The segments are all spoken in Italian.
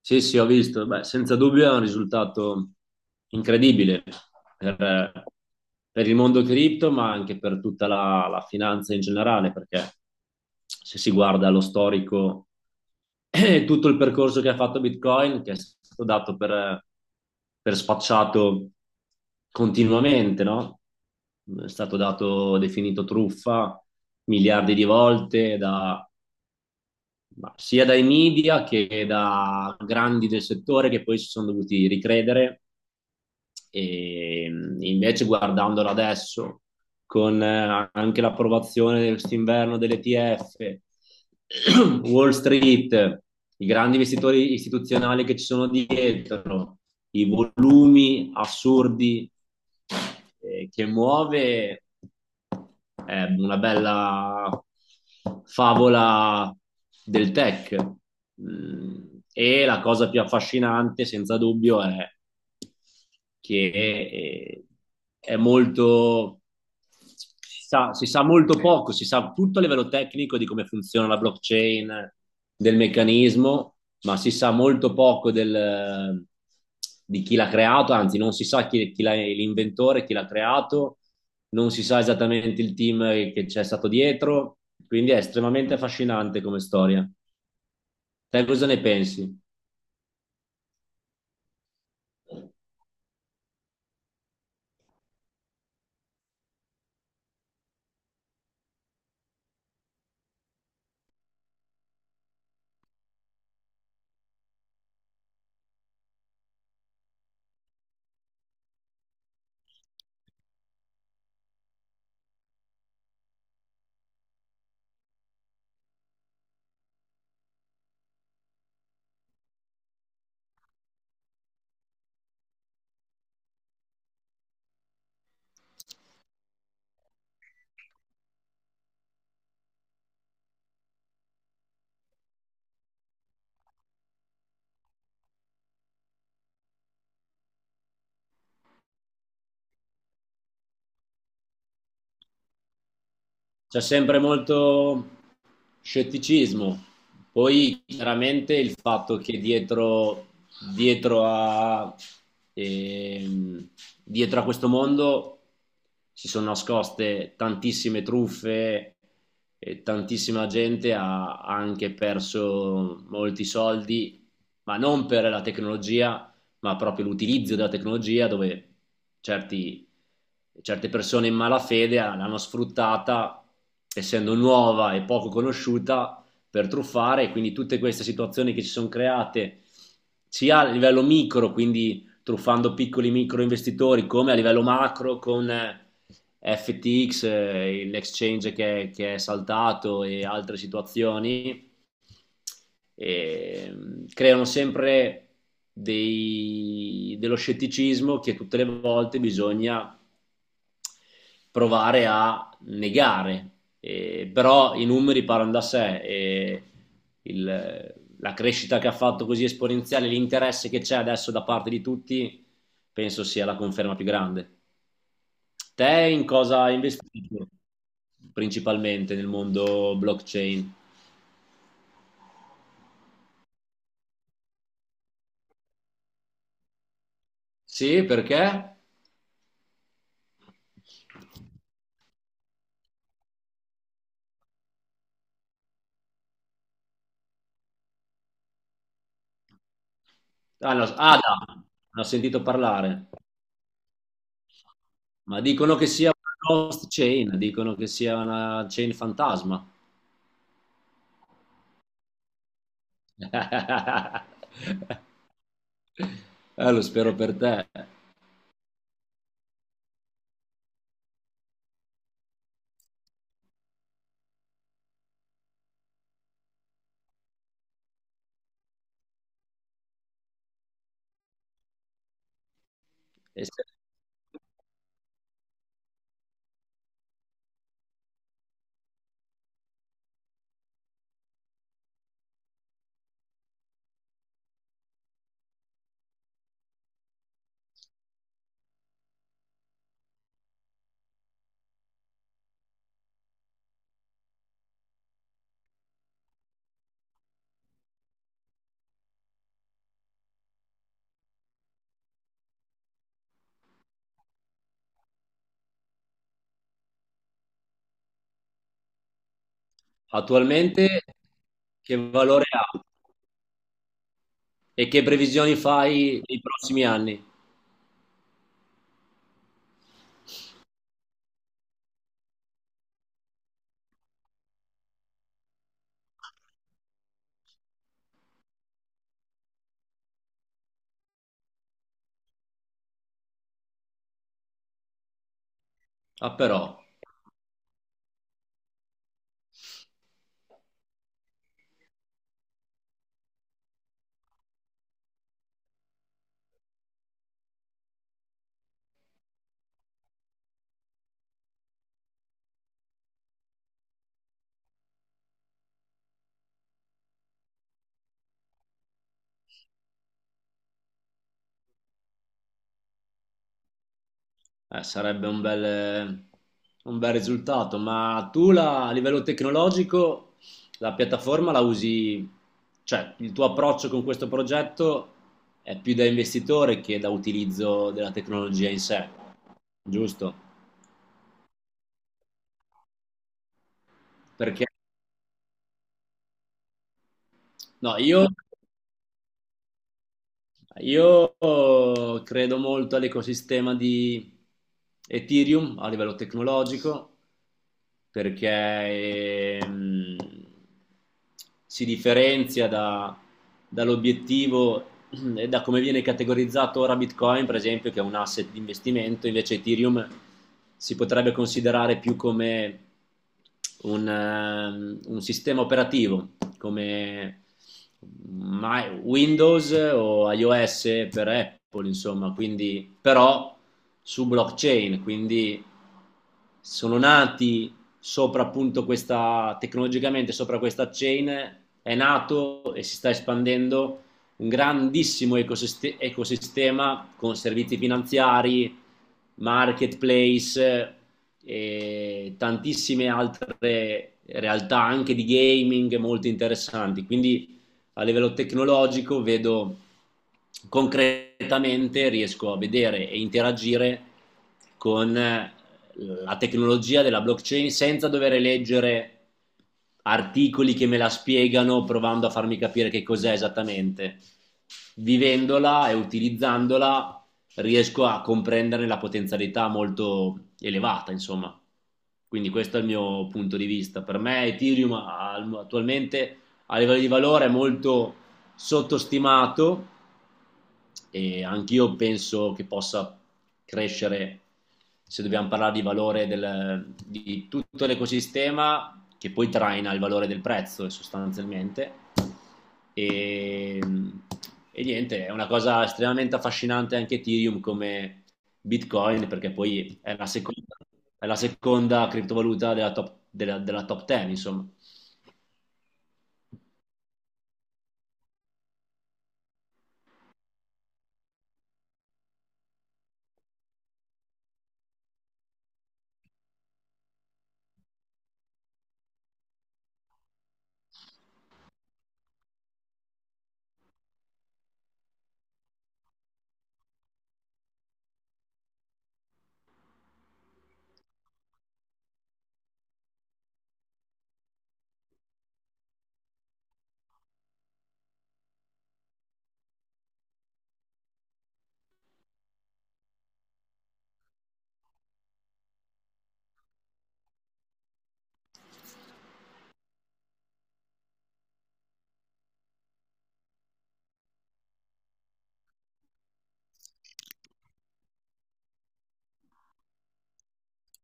Sì, sì, ho visto. Beh, senza dubbio è un risultato incredibile per, per il mondo cripto, ma anche per tutta la finanza in generale, perché se si guarda lo storico e tutto il percorso che ha fatto Bitcoin, che è stato dato per spacciato continuamente, no? È stato dato, definito truffa miliardi di volte da ma sia dai media che da grandi del settore che poi si sono dovuti ricredere e invece guardandolo adesso con anche l'approvazione di quest'inverno dell'ETF, Wall Street, i grandi investitori istituzionali che ci sono dietro, i volumi assurdi che muove è una bella favola del tech. Mm, E la cosa più affascinante, senza dubbio, è che è molto, si sa molto poco, si sa tutto a livello tecnico di come funziona la blockchain, del meccanismo, ma si sa molto poco di chi l'ha creato, anzi non si sa l'inventore, chi l'ha creato non si sa esattamente il team che c'è stato dietro, quindi è estremamente affascinante come storia. Te cosa ne pensi? C'è sempre molto scetticismo, poi chiaramente il fatto che dietro a, ehm, dietro a questo mondo si sono nascoste tantissime truffe e tantissima gente ha anche perso molti soldi, ma non per la tecnologia, ma proprio l'utilizzo della tecnologia dove certi, certe persone in malafede l'hanno sfruttata, essendo nuova e poco conosciuta, per truffare e quindi tutte queste situazioni che si sono create sia a livello micro, quindi truffando piccoli micro investitori, come a livello macro con FTX, l'exchange che è saltato e altre situazioni, e, creano sempre dello scetticismo che tutte le volte bisogna provare a negare. Però i numeri parlano da sé e il- la crescita che ha fatto così esponenziale, l'interesse che c'è adesso da parte di tutti, penso sia la conferma più grande. Te in cosa hai investito principalmente nel mondo blockchain? Sì, perché? Ah, no, Ada, ne ho sentito parlare, ma dicono che sia una ghost chain, dicono che sia una chain fantasma. Lo spero per te. E se- Attualmente che valore ha e che previsioni fai nei prossimi anni? Ah, però. Sarebbe un bel risultato, ma a livello tecnologico la piattaforma la usi, cioè il tuo approccio con questo progetto è più da investitore che da utilizzo della tecnologia in sé, giusto? Perché no, io credo molto all'ecosistema di Ethereum a livello tecnologico perché si differenzia dall'obiettivo e da come viene categorizzato ora Bitcoin, per esempio, che è un asset di investimento, invece Ethereum si potrebbe considerare più come un sistema operativo, come Windows o iOS per Apple, insomma, quindi però su blockchain, quindi sono nati sopra appunto questa, tecnologicamente sopra questa chain è nato e si sta espandendo un grandissimo ecosistema con servizi finanziari, marketplace e tantissime altre realtà anche di gaming molto interessanti. Quindi a livello tecnologico vedo concretamente, riesco a vedere e interagire con la tecnologia della blockchain senza dover leggere articoli che me la spiegano provando a farmi capire che cos'è esattamente. Vivendola e utilizzandola riesco a comprendere la potenzialità molto elevata, insomma. Quindi questo è il mio punto di vista. Per me Ethereum attualmente a livello di valore è molto sottostimato e anch'io penso che possa crescere, se dobbiamo parlare di valore del, di tutto l'ecosistema, che poi traina il valore del prezzo sostanzialmente. E, e niente, è una cosa estremamente affascinante anche Ethereum come Bitcoin, perché poi è la seconda criptovaluta della top 10, insomma.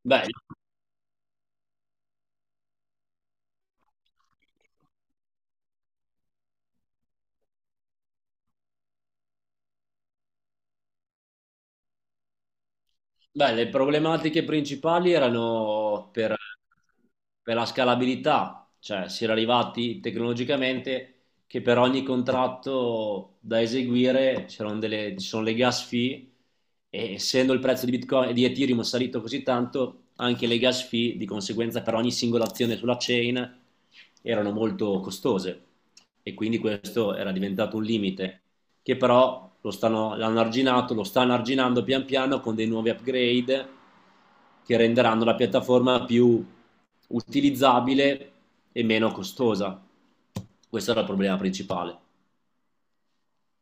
Beh, Beh, le problematiche principali erano per la scalabilità, cioè si era arrivati tecnologicamente che per ogni contratto da eseguire c'erano ci sono le gas fee e essendo il prezzo di Bitcoin e di Ethereum salito così tanto, anche le gas fee di conseguenza per ogni singola azione sulla chain erano molto costose e quindi questo era diventato un limite che però lo stanno, l'hanno arginato, lo stanno arginando pian piano con dei nuovi upgrade che renderanno la piattaforma più utilizzabile e meno costosa. Questo era il problema principale.